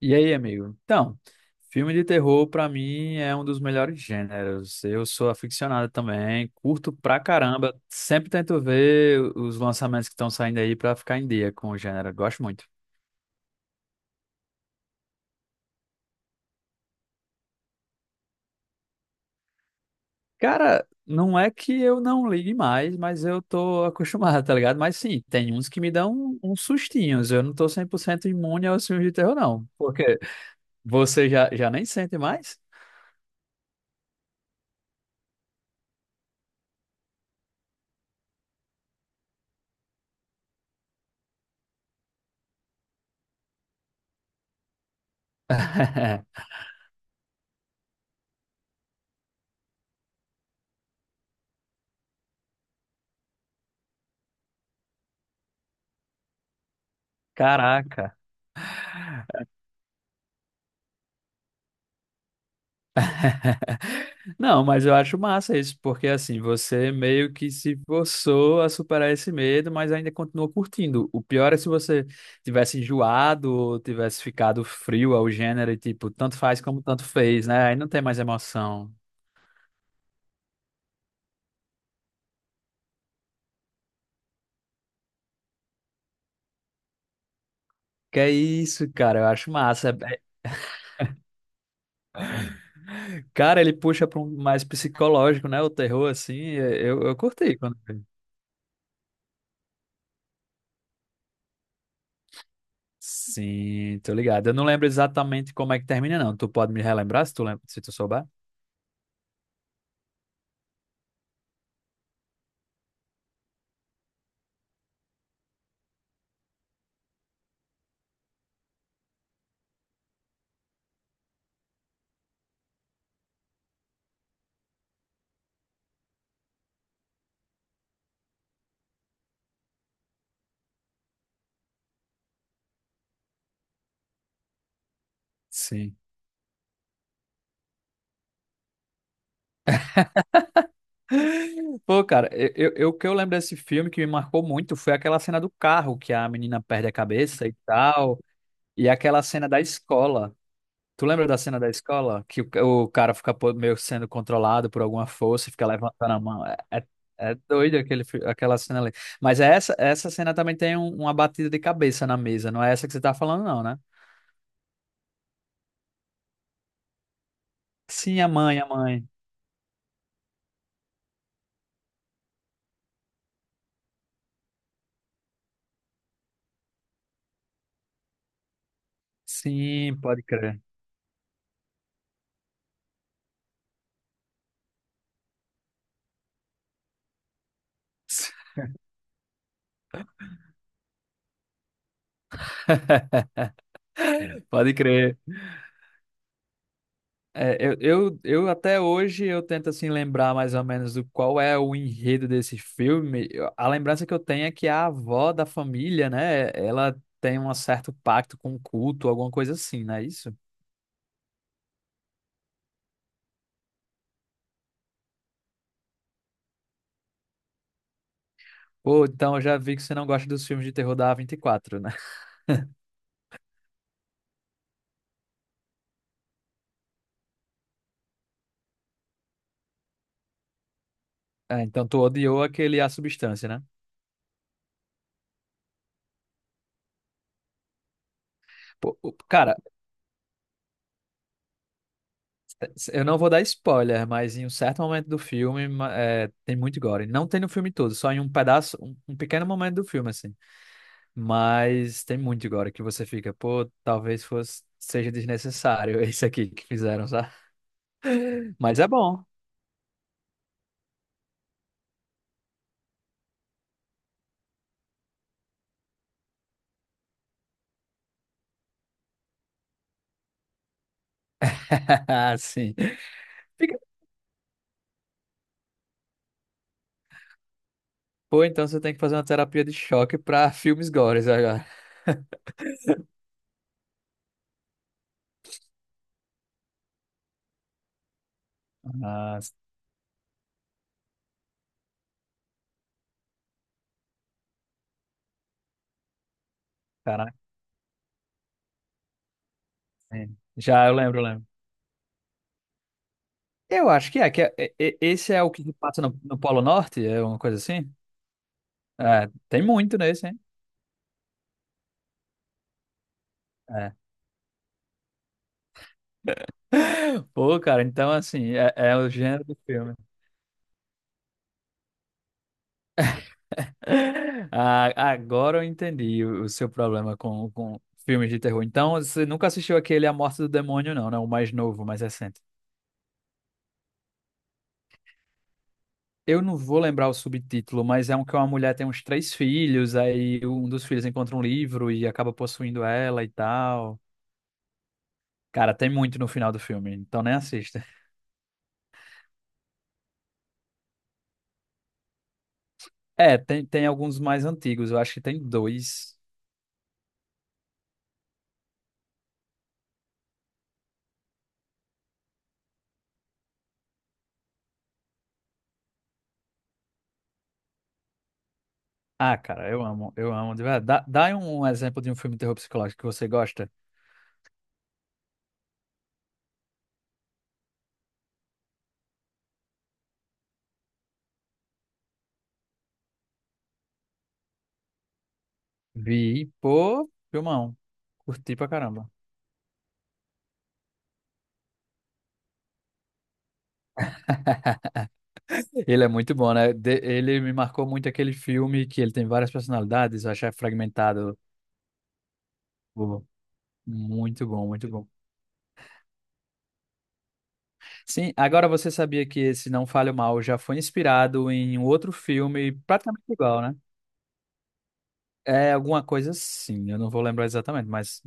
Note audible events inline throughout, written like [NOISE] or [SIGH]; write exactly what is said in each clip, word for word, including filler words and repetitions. E aí, amigo? Então, filme de terror pra mim é um dos melhores gêneros. Eu sou aficionado também, curto pra caramba. Sempre tento ver os lançamentos que estão saindo aí pra ficar em dia com o gênero. Gosto muito. Cara, não é que eu não ligue mais, mas eu tô acostumado, [LAUGHS] tá ligado? Mas sim, tem uns que me dão um, uns sustinhos. Eu não tô cem por cento imune aos filmes de terror, não. Porque você já, já nem sente mais? [LAUGHS] Caraca. Não, mas eu acho massa isso, porque assim, você meio que se forçou a superar esse medo, mas ainda continua curtindo. O pior é se você tivesse enjoado ou tivesse ficado frio ao gênero e tipo, tanto faz como tanto fez, né? Aí não tem mais emoção. Que é isso, cara, eu acho massa. É- é- Cara, ele puxa para um mais psicológico, né? O terror, assim, é- eu, eu curti quando vi. Sim, tô ligado. Eu não lembro exatamente como é que termina, não. Tu pode me relembrar se tu lembra, se tu souber? Sim. Pô, cara, eu, eu, o que eu lembro desse filme que me marcou muito foi aquela cena do carro que a menina perde a cabeça e tal, e aquela cena da escola. Tu lembra da cena da escola? Que o, o cara fica po- meio sendo controlado por alguma força e fica levantando a mão. É, é, é doido aquele, fi- aquela cena ali. Mas essa, essa cena também tem um- uma batida de cabeça na mesa, não é essa que você tá falando, não, né? Sim, a mãe, a mãe. Sim, pode crer. [LAUGHS] Pode crer. É, eu, eu, eu até hoje eu tento assim lembrar mais ou menos do qual é o enredo desse filme. Eu- A lembrança que eu tenho é que a avó da família, né, ela tem um certo pacto com o culto, alguma coisa assim, não é isso? Pô, então eu já vi que você não gosta dos filmes de terror da a vinte e quatro, né? [LAUGHS] É, então tu odiou aquele A Substância, né? Pô, o- cara, eu não vou dar spoiler, mas em um certo momento do filme ma- é, tem muito gore. Não tem no filme todo, só em um pedaço, um, um pequeno momento do filme, assim. Mas tem muito agora que você fica, pô, talvez fosse, seja desnecessário [LAUGHS] isso aqui que fizeram, sabe? Mas é bom. [LAUGHS] Sim. Fica- Pô, então você tem que fazer uma terapia de choque pra filmes gores agora. Nossa, caraca. Sim. Já, eu lembro, eu lembro. Eu acho que é, que é- é- é- esse é o que passa no, no Polo Norte, é uma coisa assim? É, tem muito nesse, hein? É. [LAUGHS] Pô, cara, então assim, é, é o gênero do filme. [LAUGHS] Ah, agora eu entendi o o seu problema com, com filmes de terror. Então, você nunca assistiu aquele A Morte do Demônio, não, né? O mais novo, o mais recente. Eu não vou lembrar o subtítulo, mas é um que uma mulher tem uns três filhos, aí um dos filhos encontra um livro e acaba possuindo ela e tal. Cara, tem muito no final do filme, então nem assista. [LAUGHS] É, tem, tem alguns mais antigos, eu acho que tem dois. Ah, cara, eu amo, eu amo, de verdade. Dá, dá um exemplo de um filme de terror psicológico que você gosta. Vi, pô, filmão. Curti pra caramba. Ele é muito bom, né? De- ele me marcou muito aquele filme que ele tem várias personalidades, eu achei fragmentado. Pô, muito bom, muito bom. Sim, agora você sabia que esse Não Fale Mal já foi inspirado em um outro filme praticamente igual, né? É alguma coisa assim, eu não vou lembrar exatamente, mas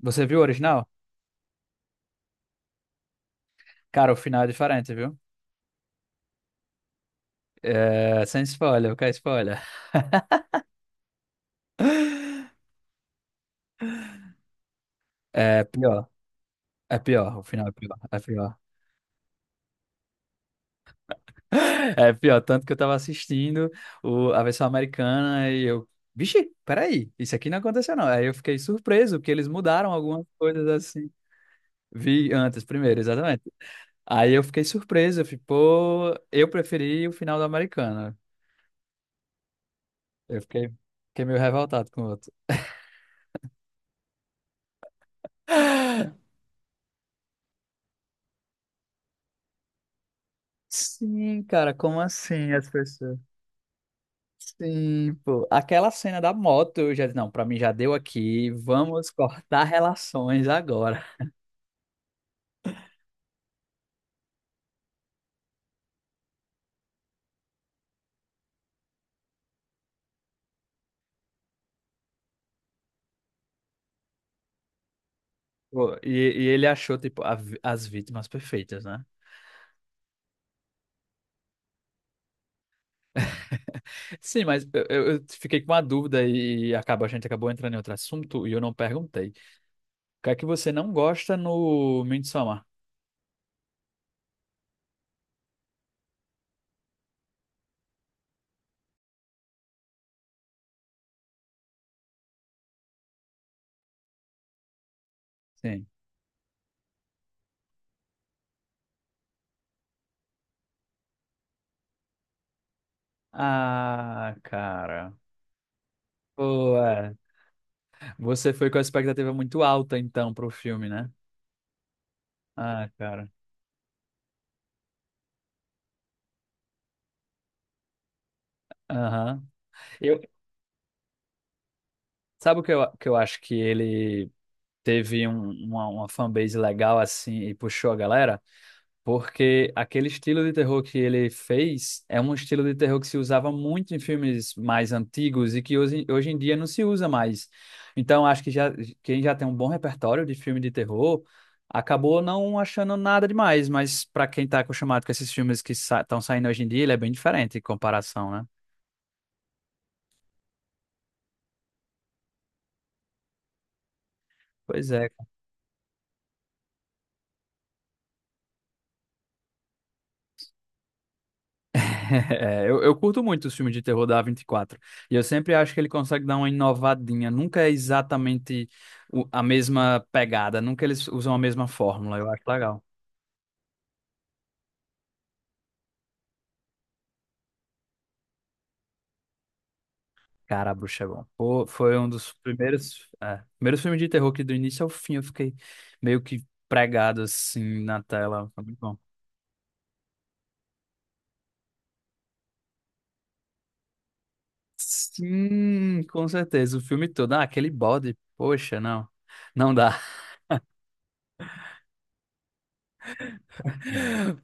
você viu o original? Cara, o final é diferente, viu? É, sem spoiler, eu quero spoiler. É pior, é pior, o final é pior, é pior. É pior, tanto que eu tava assistindo o- a versão americana e eu, vixe, peraí, isso aqui não aconteceu não. Aí eu fiquei surpreso que eles mudaram algumas coisas assim. Vi antes, primeiro, exatamente. Aí eu fiquei surpreso, eu fiquei, pô, eu preferi o final da americana. Eu fiquei, fiquei meio revoltado com o outro. [LAUGHS] Sim, cara, como assim as pessoas? Sim, pô. Aquela cena da moto, eu já disse, não, pra mim já deu aqui, vamos cortar relações agora. Pô, E, e ele achou, tipo, a vi- as vítimas perfeitas, né? [LAUGHS] Sim, mas eu, eu- eu fiquei com uma dúvida e acaba, a gente acabou entrando em outro assunto e eu não perguntei. O que é que você não gosta no Midsommar? Sim. Ah, cara. Pô, é. Você foi com a expectativa muito alta, então, pro filme, né? Ah, cara. Aham. Eu, sabe o que eu, que eu acho que ele teve um- uma, uma fanbase legal, assim, e puxou a galera? Porque aquele estilo de terror que ele fez é um estilo de terror que se usava muito em filmes mais antigos e que hoje, hoje em dia não se usa mais. Então, acho que já, quem já tem um bom repertório de filme de terror acabou não achando nada demais, mas para quem está acostumado com esses filmes que estão saindo hoje em dia, ele é bem diferente em comparação, né? Pois é. É, eu, eu curto muito os filmes de terror da A vinte e quatro. E quatro. E eu sempre acho que ele consegue dar uma inovadinha. Nunca é exatamente o- a mesma pegada. Nunca eles usam a mesma fórmula. Eu acho legal. Cara, a Bruxa é bom. Pô, foi um dos primeiros, é, primeiros filmes de terror que do início ao fim eu fiquei meio que pregado assim na tela. Foi muito bom. Sim, com certeza. O filme todo. Ah, aquele bode. Poxa, não. Não dá.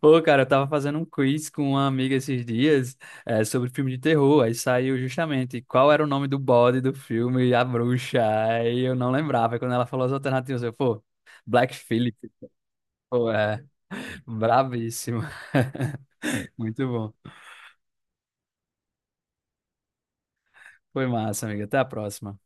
Pô, cara, eu tava fazendo um quiz com uma amiga esses dias, eh, sobre filme de terror. Aí saiu justamente qual era o nome do bode do filme A Bruxa. Aí eu não lembrava. Aí quando ela falou as alternativas, eu, pô, Black Phillip. Pô, é, [LAUGHS] brabíssimo. [LAUGHS] Muito bom. Foi massa, amiga. Até a próxima.